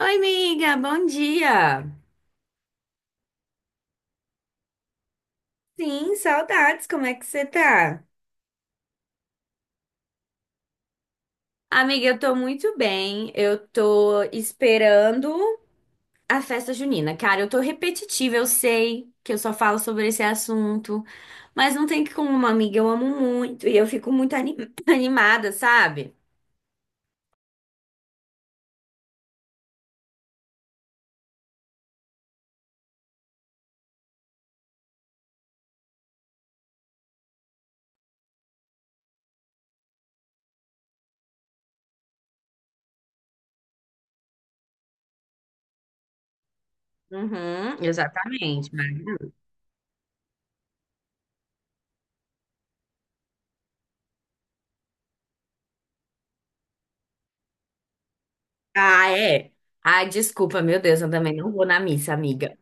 Oi, amiga, bom dia. Sim, saudades, como é que você tá? Amiga, eu tô muito bem. Eu tô esperando a festa junina. Cara, eu tô repetitiva, eu sei que eu só falo sobre esse assunto, mas não tem como, amiga. Eu amo muito e eu fico muito animada, sabe? Uhum, exatamente. Maravilhoso. Ah, é. Ah, desculpa, meu Deus, eu também não vou na missa, amiga.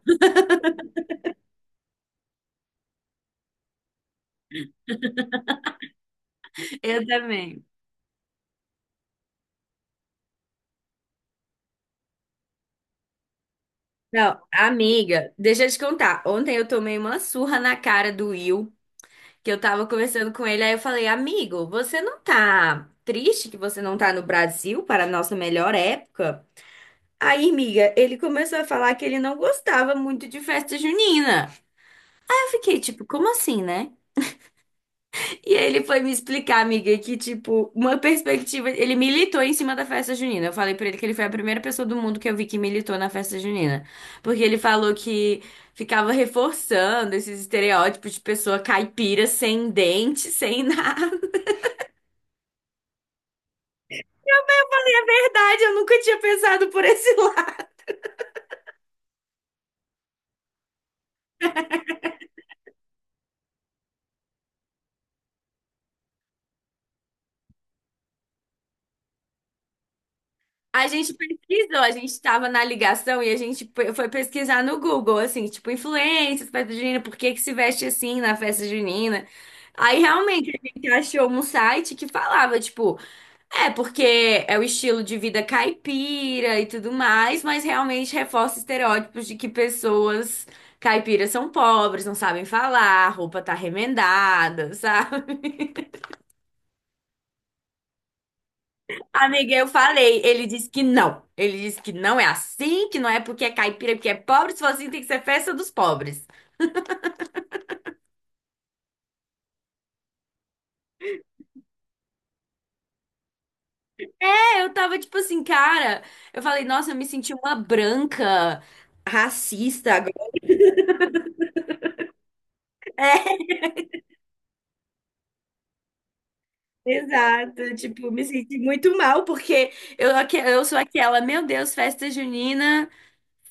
Eu também. Não, amiga, deixa eu te contar. Ontem eu tomei uma surra na cara do Will, que eu tava conversando com ele, aí eu falei, amigo, você não tá triste que você não tá no Brasil para a nossa melhor época? Aí, amiga, ele começou a falar que ele não gostava muito de festa junina. Aí eu fiquei tipo, como assim, né? E aí ele foi me explicar, amiga, que, tipo, uma perspectiva. Ele militou em cima da festa junina. Eu falei pra ele que ele foi a primeira pessoa do mundo que eu vi que militou na festa junina. Porque ele falou que ficava reforçando esses estereótipos de pessoa caipira, sem dente, sem nada. Na verdade, eu nunca tinha pensado por esse lado. A gente pesquisou, a gente estava na ligação e a gente foi pesquisar no Google, assim, tipo, influências, festa junina, por que que se veste assim na festa junina? Aí realmente a gente achou um site que falava, tipo, é porque é o estilo de vida caipira e tudo mais, mas realmente reforça estereótipos de que pessoas caipiras são pobres, não sabem falar, roupa tá remendada, sabe? Amiga, eu falei, ele disse que não. Ele disse que não é assim, que não é porque é caipira, é porque é pobre, se for assim tem que ser festa dos pobres. É, eu tava tipo assim, cara, eu falei, nossa, eu me senti uma branca racista agora. É, exato, tipo, me senti muito mal, porque eu, eu sou aquela, meu Deus, festa junina,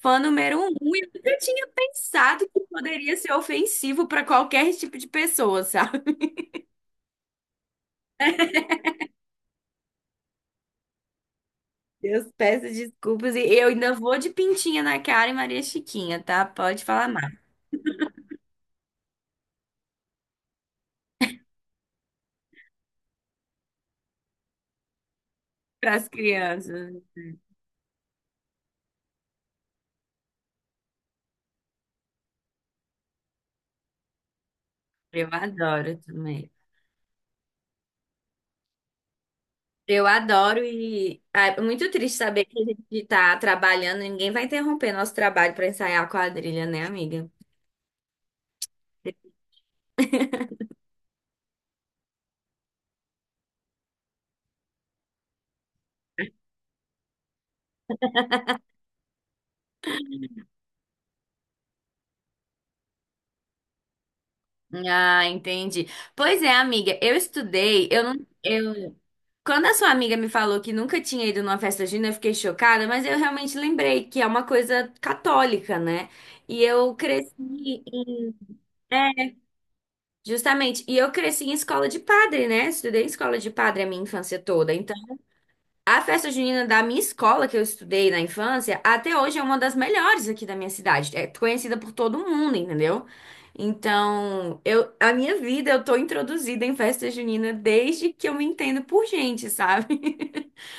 fã número um, e eu nunca tinha pensado que poderia ser ofensivo pra qualquer tipo de pessoa, sabe? Deus peça desculpas e eu ainda vou de pintinha na cara e Maria Chiquinha, tá? Pode falar mais para as crianças. Eu adoro também. Eu adoro e ah, é muito triste saber que a gente tá trabalhando e ninguém vai interromper nosso trabalho para ensaiar a quadrilha, né, amiga? Ah, entendi. Pois é, amiga, eu estudei, eu não, eu Quando a sua amiga me falou que nunca tinha ido numa festa junina, eu fiquei chocada, mas eu realmente lembrei que é uma coisa católica, né? E eu cresci Justamente. E eu cresci em escola de padre, né? Estudei em escola de padre a minha infância toda. Então, a festa junina da minha escola que eu estudei na infância, até hoje é uma das melhores aqui da minha cidade. É conhecida por todo mundo, entendeu? Então, eu, a minha vida, eu tô introduzida em festa junina desde que eu me entendo por gente, sabe?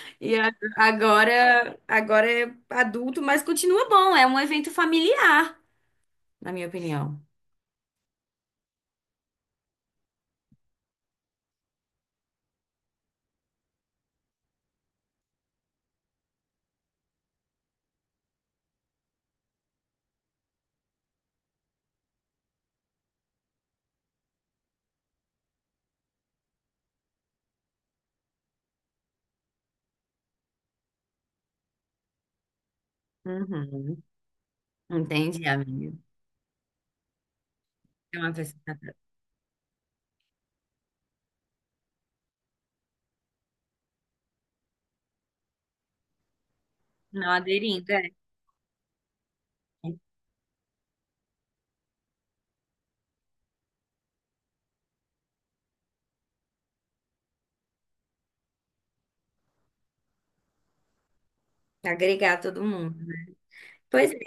E a- agora, agora é adulto, mas continua bom. É um evento familiar, na minha opinião. Uhum. Entende, amiga? É uma festa. Não aderindo, é. Agregar todo mundo. Pois é,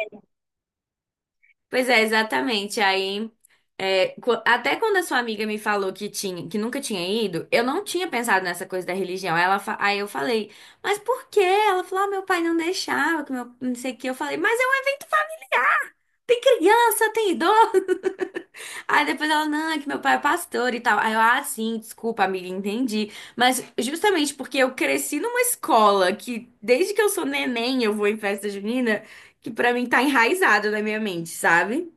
pois é, exatamente. Aí, é, até quando a sua amiga me falou que tinha, que nunca tinha ido, eu não tinha pensado nessa coisa da religião. Aí ela, aí eu falei, mas por quê? Ela falou, ah, meu pai não deixava, que meu, não sei o quê. Eu falei, mas eu era criança, tem idoso. Aí depois ela, não, é que meu pai é pastor e tal. Aí eu, ah, sim, desculpa, amiga, entendi. Mas justamente porque eu cresci numa escola que, desde que eu sou neném, eu vou em festa junina, que pra mim tá enraizado na minha mente, sabe?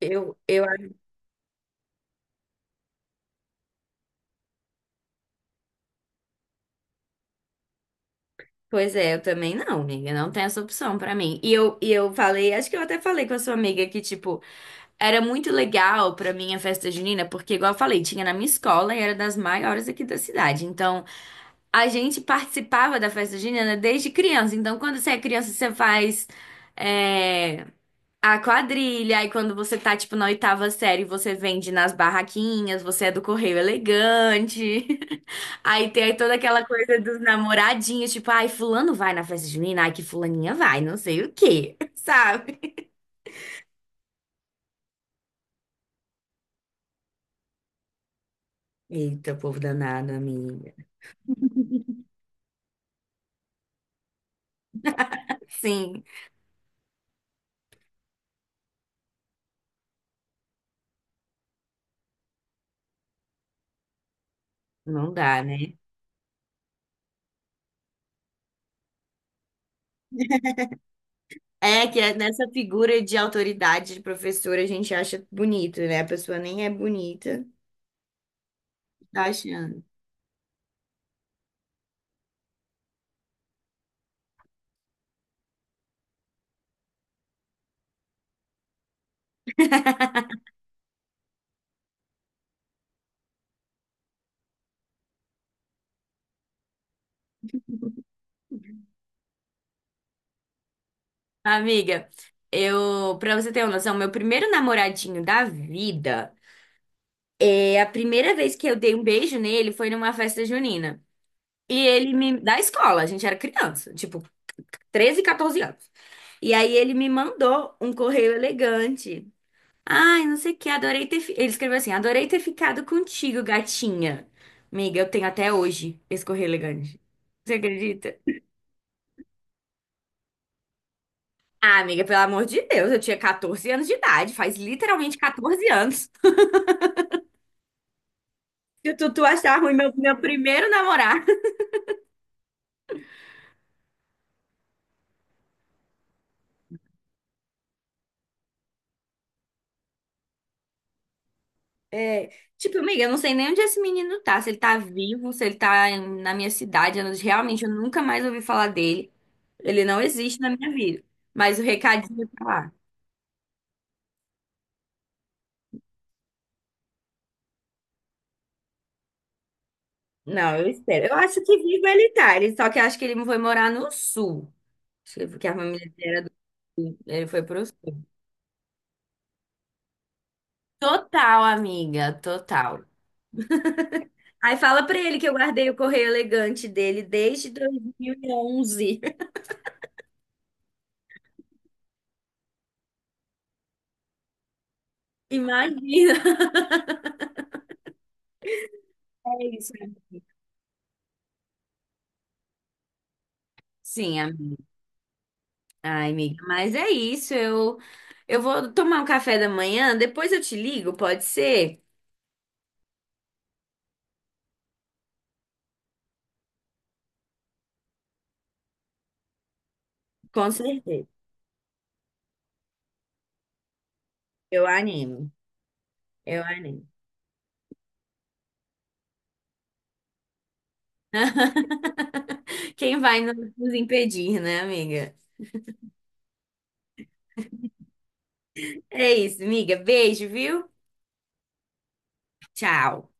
Eu, eu, pois é, eu também não, amiga, não tem essa opção pra mim. E eu falei, acho que eu até falei com a sua amiga que, tipo, era muito legal pra mim a festa junina, porque, igual eu falei, tinha na minha escola e era das maiores aqui da cidade. Então, a gente participava da festa junina desde criança. Então, quando você é criança, você faz é, a quadrilha. E quando você tá, tipo, na oitava série, você vende nas barraquinhas, você é do Correio Elegante. Aí tem aí toda aquela coisa dos namoradinhos, tipo, ai, fulano vai na festa junina, ai, que fulaninha vai, não sei o quê, sabe? Eita, povo danado, amiga. Sim, não dá, né? É que é nessa figura de autoridade de professor a gente acha bonito, né? A pessoa nem é bonita, tá achando. Amiga, eu, pra você ter uma noção, meu primeiro namoradinho da vida, é a primeira vez que eu dei um beijo nele foi numa festa junina. E ele me, da escola, a gente era criança, tipo, 13, 14 anos. E aí ele me mandou um correio elegante. Ai, não sei o que, adorei ter. Ele escreveu assim: adorei ter ficado contigo, gatinha. Amiga, eu tenho até hoje esse correio elegante. Você acredita? Ah, amiga, pelo amor de Deus, eu tinha 14 anos de idade, faz literalmente 14 anos. Se tu, tu achar ruim meu, meu primeiro namorado. É, tipo, amiga, eu não sei nem onde esse menino tá, se ele tá vivo, se ele tá na minha cidade, eu realmente eu nunca mais ouvi falar dele. Ele não existe na minha vida. Mas o recadinho tá lá. Não, eu espero. Eu acho que vivo ele tá. Ele, só que eu acho que ele foi morar no sul. Acho que é porque a família dele era ele foi pro sul. Total, amiga, total. Aí fala pra ele que eu guardei o correio elegante dele desde 2011. Imagina. É isso. Sim, am- ai, amiga. Mas é isso. Eu vou tomar um café da manhã. Depois eu te ligo, pode ser? Com certeza. Eu animo. Eu animo. Quem vai nos impedir, né, amiga? É isso, amiga. Beijo, viu? Tchau.